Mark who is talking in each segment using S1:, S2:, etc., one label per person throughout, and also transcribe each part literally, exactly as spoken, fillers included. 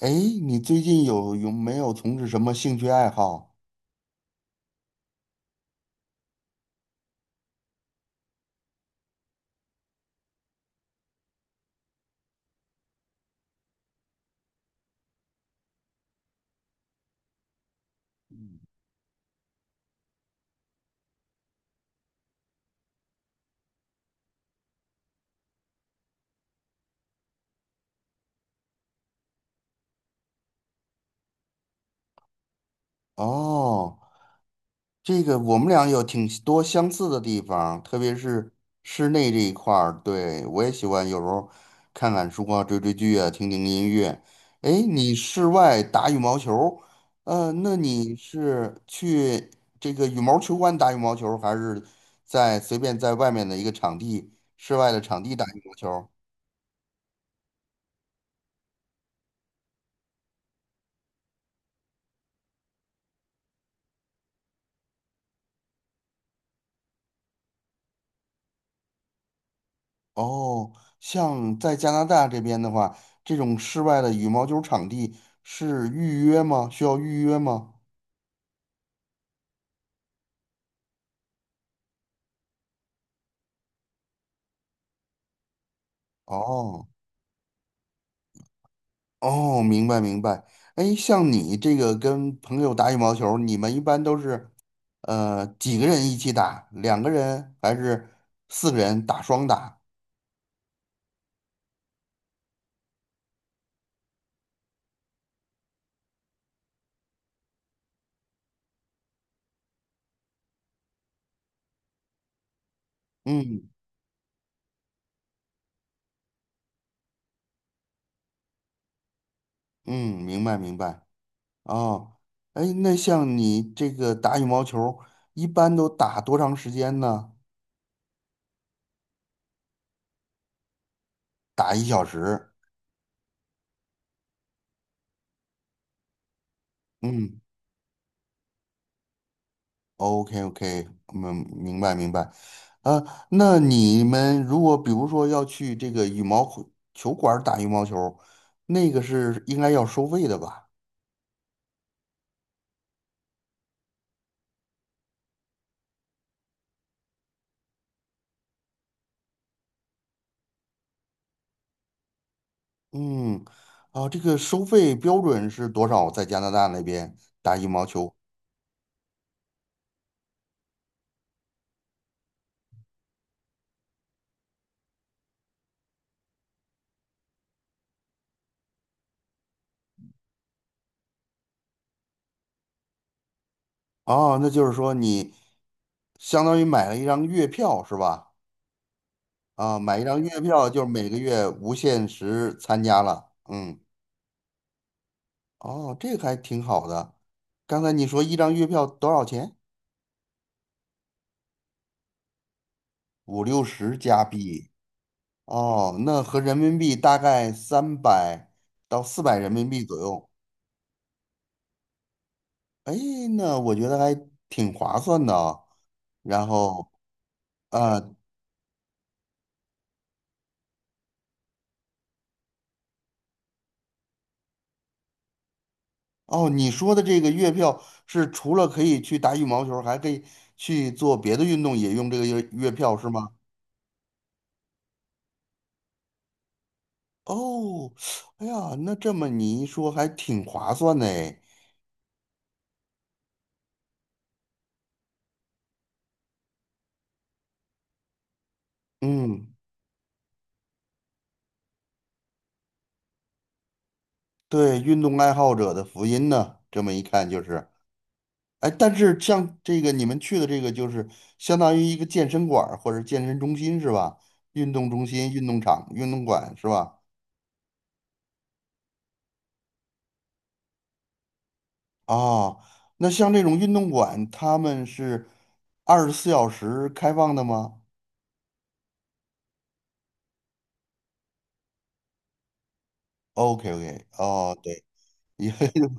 S1: 哎，你最近有有没有从事什么兴趣爱好？嗯。哦，这个我们俩有挺多相似的地方，特别是室内这一块儿。对，我也喜欢有时候看看书啊，追追剧啊，听听音乐。哎，你室外打羽毛球，呃，那你是去这个羽毛球馆打羽毛球，还是在随便在外面的一个场地，室外的场地打羽毛球？哦，像在加拿大这边的话，这种室外的羽毛球场地是预约吗？需要预约吗？哦哦，明白明白。哎，像你这个跟朋友打羽毛球，你们一般都是呃几个人一起打？两个人还是四个人打双打？嗯嗯，明白明白。哦，哎，那像你这个打羽毛球，一般都打多长时间呢？打一小时。嗯。OK OK，嗯，明白明白。呃，那你们如果比如说要去这个羽毛球球馆儿打羽毛球，那个是应该要收费的吧？嗯，啊，这个收费标准是多少？在加拿大那边打羽毛球？哦，那就是说你相当于买了一张月票是吧？啊，买一张月票就是每个月无限时参加了。嗯，哦，这个还挺好的。刚才你说一张月票多少钱？五六十加币。哦，那合人民币大概三百到四百人民币左右。哎，那我觉得还挺划算的啊。然后，啊，哦，你说的这个月票是除了可以去打羽毛球，还可以去做别的运动，也用这个月月票是吗？哦，哎呀，那这么你一说还挺划算的哎。嗯，对，运动爱好者的福音呢，这么一看就是。哎，但是像这个你们去的这个，就是相当于一个健身馆儿或者健身中心是吧？运动中心、运动场、运动馆是吧？哦，那像这种运动馆，他们是二十四小时开放的吗？OK OK，哦，对，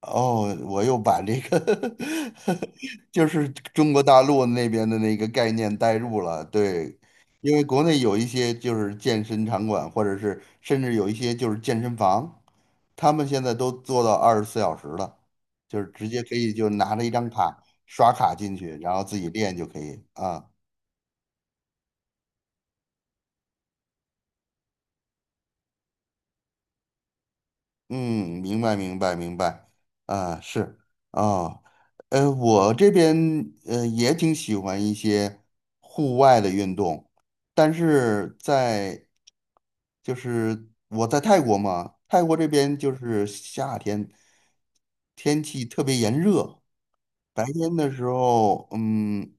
S1: 哦，我又把这个 就是中国大陆那边的那个概念带入了，对，因为国内有一些就是健身场馆，或者是甚至有一些就是健身房，他们现在都做到二十四小时了，就是直接可以就拿着一张卡刷卡进去，然后自己练就可以啊。嗯，明白明白明白，啊是啊，呃，我这边呃也挺喜欢一些户外的运动，但是在就是我在泰国嘛，泰国这边就是夏天天气特别炎热，白天的时候，嗯，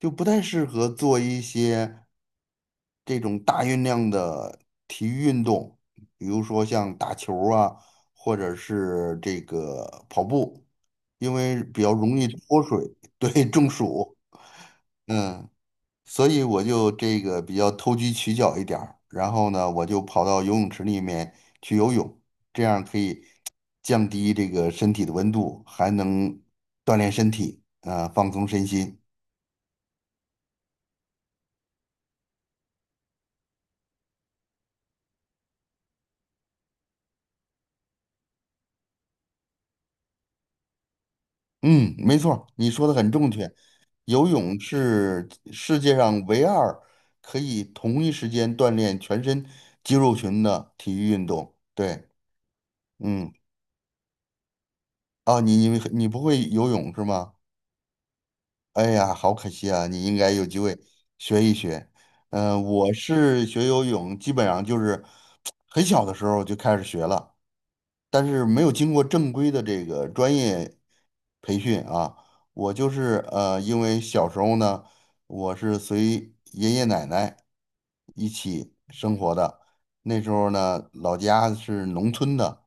S1: 就不太适合做一些这种大运量的体育运动，比如说像打球儿啊，或者是这个跑步，因为比较容易脱水，对，中暑。嗯。所以我就这个比较投机取巧一点儿，然后呢，我就跑到游泳池里面去游泳，这样可以降低这个身体的温度，还能锻炼身体，啊、放松身心。嗯，没错儿你说的很正确。游泳是世界上唯二可以同一时间锻炼全身肌肉群的体育运动。对，嗯，啊，你你你不会游泳是吗？哎呀，好可惜啊！你应该有机会学一学。嗯、我是学游泳，基本上就是很小的时候就开始学了，但是没有经过正规的这个专业培训啊。我就是呃，因为小时候呢，我是随爷爷奶奶一起生活的，那时候呢，老家是农村的，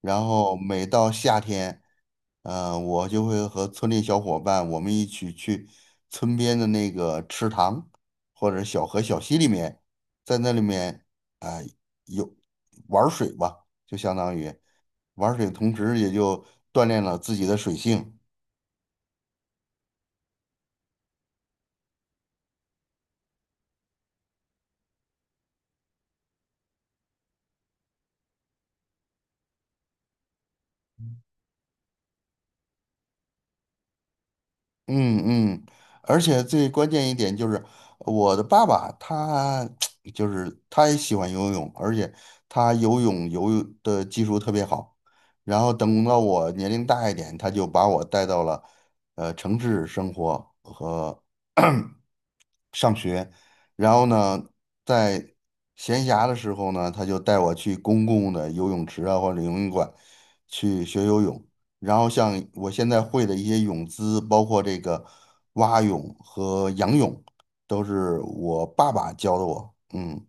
S1: 然后每到夏天，呃，我就会和村里小伙伴我们一起去村边的那个池塘或者小河小溪里面，在那里面啊，有玩儿水吧，就相当于。玩水同时也就锻炼了自己的水性。嗯嗯，而且最关键一点就是，我的爸爸他 就是他也喜欢游泳，而且他游泳游的技术特别好。然后等到我年龄大一点，他就把我带到了呃城市生活和 上学，然后呢，在闲暇的时候呢，他就带我去公共的游泳池啊或者游泳馆去学游泳。然后像我现在会的一些泳姿，包括这个蛙泳和仰泳，都是我爸爸教的我。嗯。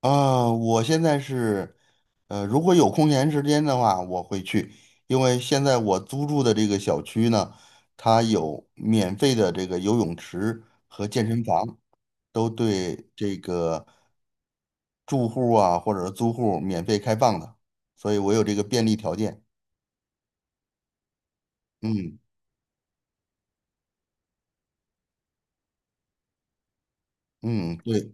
S1: 啊，我现在是，呃，如果有空闲时间的话，我会去，因为现在我租住的这个小区呢，它有免费的这个游泳池和健身房，都对这个住户啊或者是租户免费开放的，所以我有这个便利条件。嗯嗯，对。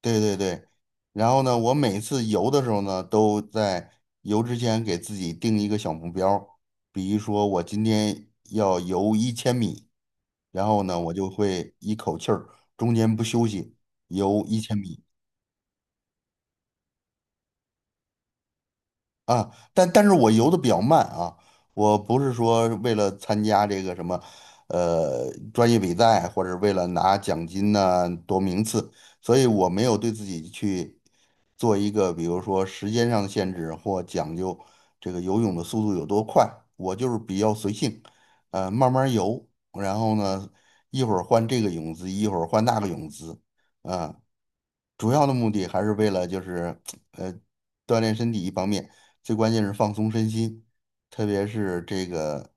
S1: 对对对，然后呢，我每次游的时候呢，都在游之前给自己定一个小目标儿。比如说我今天要游一千米，然后呢，我就会一口气儿中间不休息游一千米啊。但但是我游的比较慢啊，我不是说为了参加这个什么呃专业比赛，或者为了拿奖金呐、夺名次，所以我没有对自己去做一个，比如说时间上的限制或讲究这个游泳的速度有多快，我就是比较随性，呃，慢慢游，然后呢，一会儿换这个泳姿，一会儿换那个泳姿，啊、主要的目的还是为了就是呃锻炼身体一方面，最关键是放松身心，特别是这个，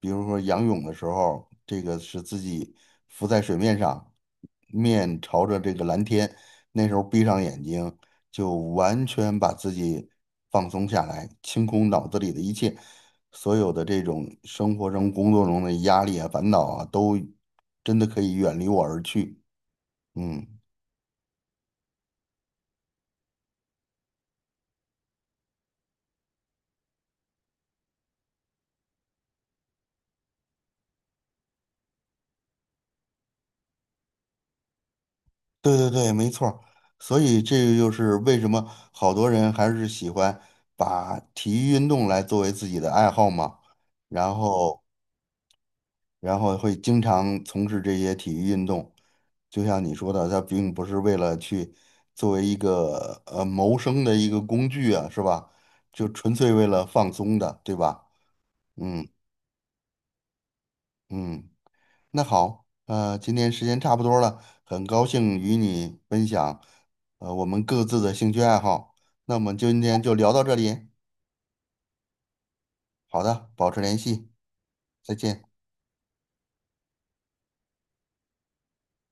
S1: 比如说仰泳的时候，这个是自己浮在水面上，面朝着这个蓝天，那时候闭上眼睛，就完全把自己放松下来，清空脑子里的一切，所有的这种生活中、工作中的压力啊、烦恼啊，都真的可以远离我而去。嗯。对对对，没错儿。所以这个就是为什么好多人还是喜欢把体育运动来作为自己的爱好嘛，然后然后会经常从事这些体育运动。就像你说的，他并不是为了去作为一个呃谋生的一个工具啊，是吧？就纯粹为了放松的，对吧？嗯嗯。那好，呃，今天时间差不多了，很高兴与你分享，呃，我们各自的兴趣爱好。那我们今天就聊到这里。好的，保持联系，再见。